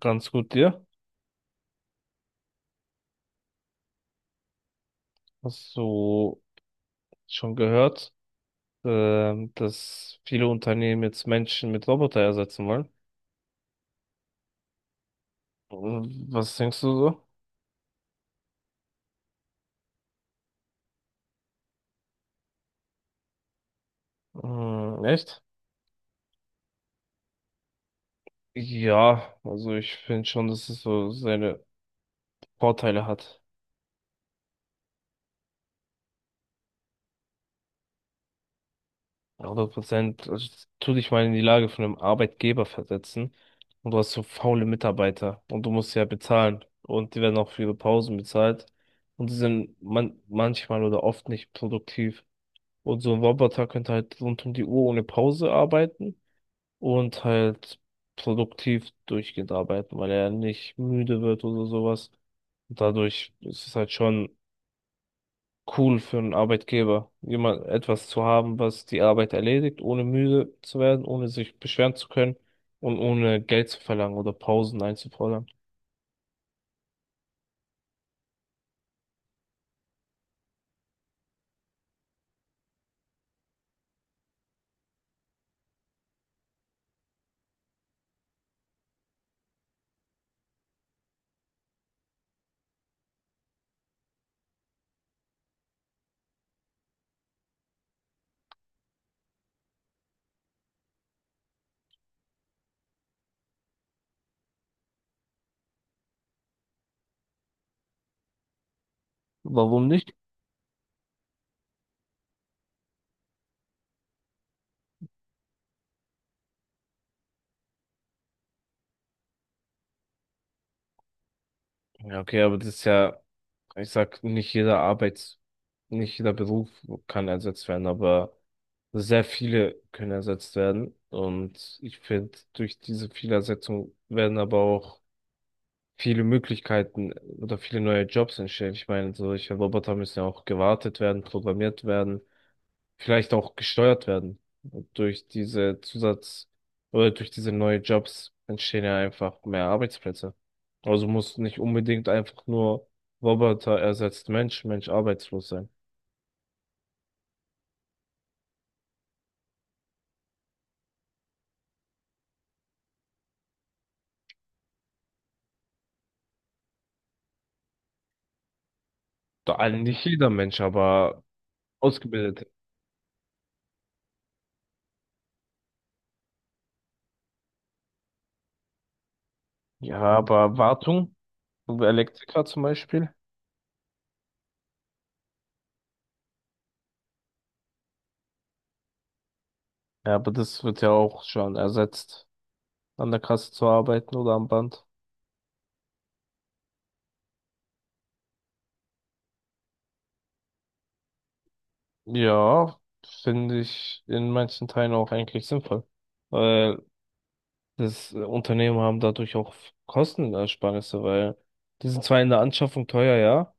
Ganz gut, dir? Hast du schon gehört, dass viele Unternehmen jetzt Menschen mit Roboter ersetzen wollen? Was denkst du so? Hm, echt? Ja, also ich finde schon, dass es so seine Vorteile hat. 100%. Also tu dich mal in die Lage von einem Arbeitgeber versetzen, und du hast so faule Mitarbeiter und du musst ja bezahlen und die werden auch für ihre Pausen bezahlt und die sind man manchmal oder oft nicht produktiv. Und so ein Roboter könnte halt rund um die Uhr ohne Pause arbeiten und halt produktiv durchgehend arbeiten, weil er nicht müde wird oder sowas. Und dadurch ist es halt schon cool für einen Arbeitgeber, jemand etwas zu haben, was die Arbeit erledigt, ohne müde zu werden, ohne sich beschweren zu können und ohne Geld zu verlangen oder Pausen einzufordern. Warum nicht? Ja, okay, aber das ist ja, ich sag, nicht jeder Arbeits, nicht jeder Beruf kann ersetzt werden, aber sehr viele können ersetzt werden. Und ich finde, durch diese Vielersetzung werden aber auch viele Möglichkeiten oder viele neue Jobs entstehen. Ich meine, solche Roboter müssen ja auch gewartet werden, programmiert werden, vielleicht auch gesteuert werden. Und durch diese Zusatz- oder durch diese neuen Jobs entstehen ja einfach mehr Arbeitsplätze. Also muss nicht unbedingt einfach nur Roboter ersetzt Mensch, Mensch arbeitslos sein. Da, also nicht jeder Mensch, aber ausgebildet. Ja, aber Wartung, Elektriker zum Beispiel. Ja, aber das wird ja auch schon ersetzt, an der Kasse zu arbeiten oder am Band. Ja, finde ich in manchen Teilen auch eigentlich sinnvoll. Weil das, Unternehmen haben dadurch auch Kostenersparnisse, weil die sind zwar in der Anschaffung teuer, ja,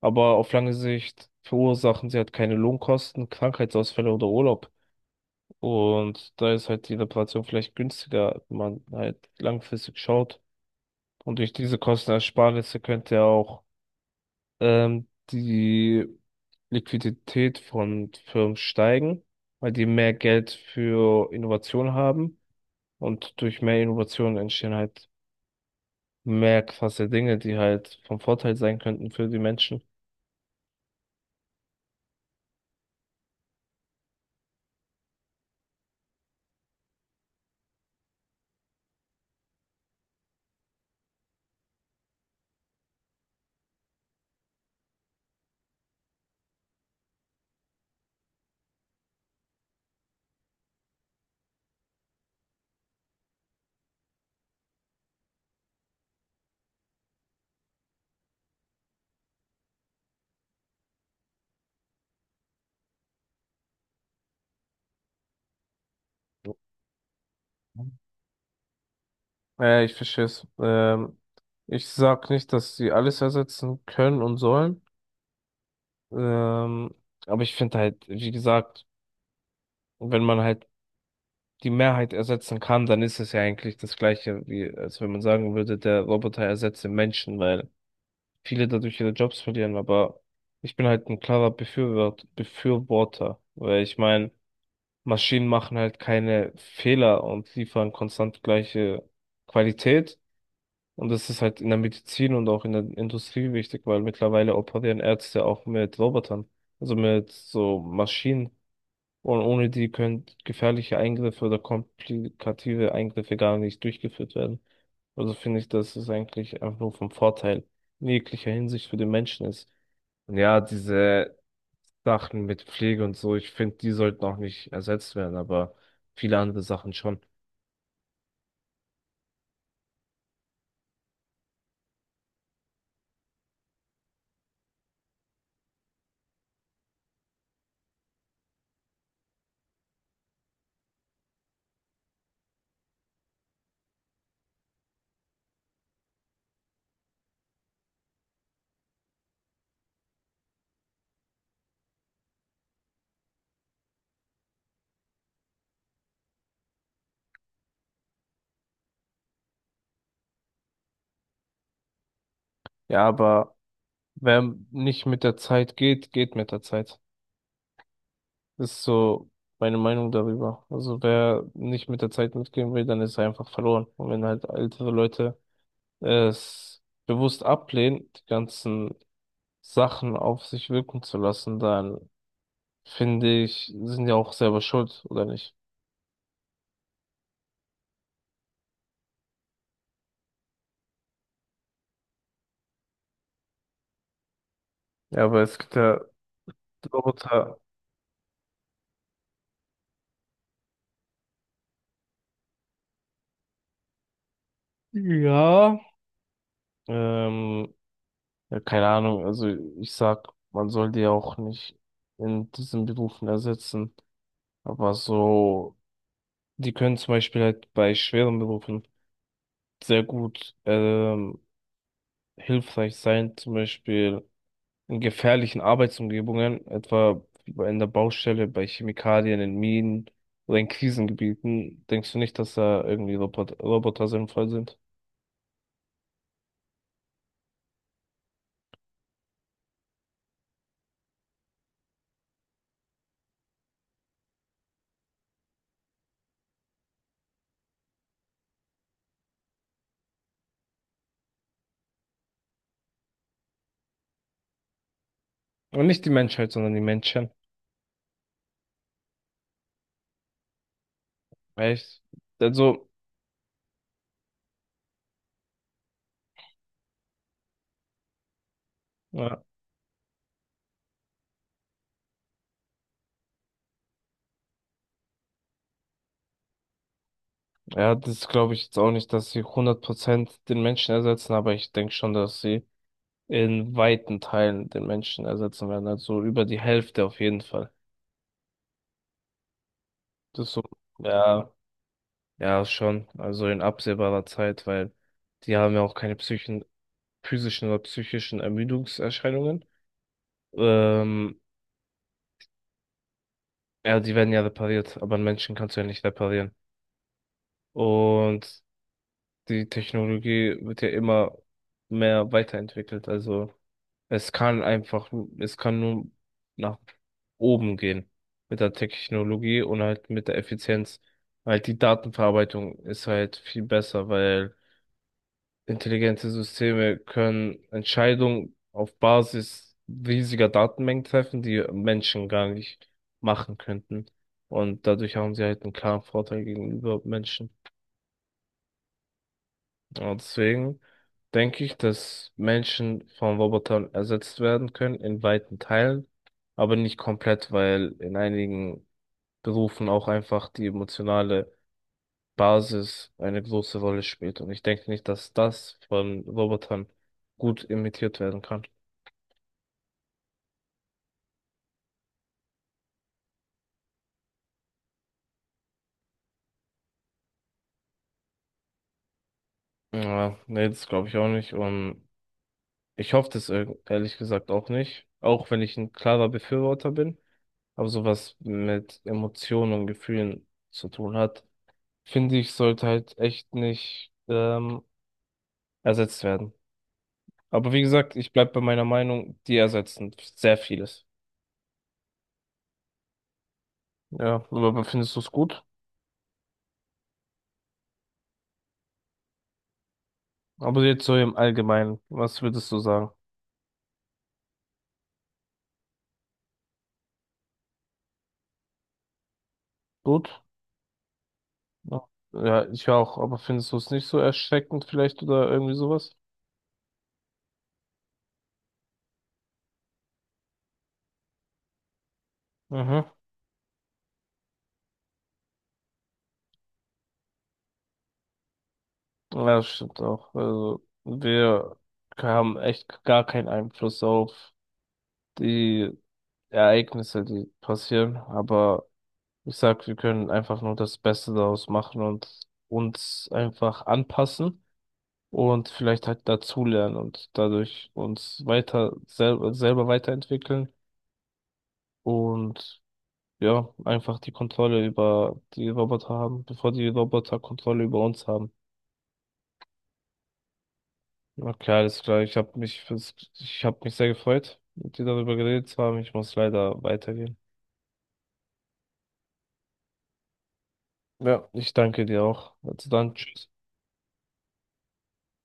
aber auf lange Sicht verursachen sie halt keine Lohnkosten, Krankheitsausfälle oder Urlaub. Und da ist halt die Reparation vielleicht günstiger, wenn man halt langfristig schaut. Und durch diese Kostenersparnisse könnte ja auch die Liquidität von Firmen steigen, weil die mehr Geld für Innovation haben. Und durch mehr Innovation entstehen halt mehr krasse Dinge, die halt vom Vorteil sein könnten für die Menschen. Ich verstehe es. Ich sag nicht, dass sie alles ersetzen können und sollen. Ähm, aber ich finde halt, wie gesagt, wenn man halt die Mehrheit ersetzen kann, dann ist es ja eigentlich das Gleiche, wie als wenn man sagen würde, der Roboter ersetze Menschen, weil viele dadurch ihre Jobs verlieren. Aber ich bin halt ein klarer Befürworter, weil ich meine, Maschinen machen halt keine Fehler und liefern konstant gleiche Qualität. Und das ist halt in der Medizin und auch in der Industrie wichtig, weil mittlerweile operieren Ärzte auch mit Robotern, also mit so Maschinen. Und ohne die können gefährliche Eingriffe oder komplikative Eingriffe gar nicht durchgeführt werden. Also finde ich, dass es eigentlich einfach nur vom Vorteil in jeglicher Hinsicht für den Menschen ist. Und ja, diese Sachen mit Pflege und so, ich finde, die sollten auch nicht ersetzt werden, aber viele andere Sachen schon. Ja, aber wer nicht mit der Zeit geht, geht mit der Zeit. Ist so meine Meinung darüber. Also wer nicht mit der Zeit mitgehen will, dann ist er einfach verloren. Und wenn halt ältere Leute es bewusst ablehnen, die ganzen Sachen auf sich wirken zu lassen, dann finde ich, sind ja auch selber schuld, oder nicht? Ja, aber es gibt ja Roboter. Ja. Ähm, Ja, keine Ahnung. Also ich sag, man soll die auch nicht in diesen Berufen ersetzen. Aber so, die können zum Beispiel halt bei schweren Berufen sehr gut hilfreich sein. Zum Beispiel in gefährlichen Arbeitsumgebungen, etwa wie bei- in der Baustelle, bei Chemikalien, in Minen oder in Krisengebieten. Denkst du nicht, dass da irgendwie Roboter sinnvoll sind? Und nicht die Menschheit, sondern die Menschen. Echt? Also, ja. Ja, das glaube ich jetzt auch nicht, dass sie 100% den Menschen ersetzen, aber ich denke schon, dass sie in weiten Teilen den Menschen ersetzen werden. Also über die Hälfte auf jeden Fall. Das so, ja, ja, schon. Also in absehbarer Zeit, weil die haben ja auch keine psychischen, physischen oder psychischen Ermüdungserscheinungen. Ähm, ja, die werden ja repariert, aber einen Menschen kannst du ja nicht reparieren. Und die Technologie wird ja immer mehr weiterentwickelt. Also, es kann einfach, es kann nur nach oben gehen mit der Technologie und halt mit der Effizienz. Halt die Datenverarbeitung ist halt viel besser, weil intelligente Systeme können Entscheidungen auf Basis riesiger Datenmengen treffen, die Menschen gar nicht machen könnten. Und dadurch haben sie halt einen klaren Vorteil gegenüber Menschen. Und deswegen denke ich, dass Menschen von Robotern ersetzt werden können in weiten Teilen, aber nicht komplett, weil in einigen Berufen auch einfach die emotionale Basis eine große Rolle spielt. Und ich denke nicht, dass das von Robotern gut imitiert werden kann. Ja, nee, das glaube ich auch nicht. Und ich hoffe das ehrlich gesagt auch nicht, auch wenn ich ein klarer Befürworter bin, aber sowas mit Emotionen und Gefühlen zu tun hat, finde ich, sollte halt echt nicht ersetzt werden. Aber wie gesagt, ich bleib bei meiner Meinung, die ersetzen sehr vieles. Ja, aber findest du es gut? Aber jetzt so im Allgemeinen, was würdest du sagen? Gut? Ja. Ja, ich auch, aber findest du es nicht so erschreckend vielleicht oder irgendwie sowas? Mhm. Ja, das stimmt auch. Also, wir haben echt gar keinen Einfluss auf die Ereignisse, die passieren, aber ich sag, wir können einfach nur das Beste daraus machen und uns einfach anpassen und vielleicht halt dazulernen und dadurch uns weiter selber weiterentwickeln und ja, einfach die Kontrolle über die Roboter haben, bevor die Roboter Kontrolle über uns haben. Okay, alles klar. Ich habe mich fürs, ich habe mich sehr gefreut, mit dir darüber geredet zu haben. Ich muss leider weitergehen. Ja, ich danke dir auch. Also dann, tschüss.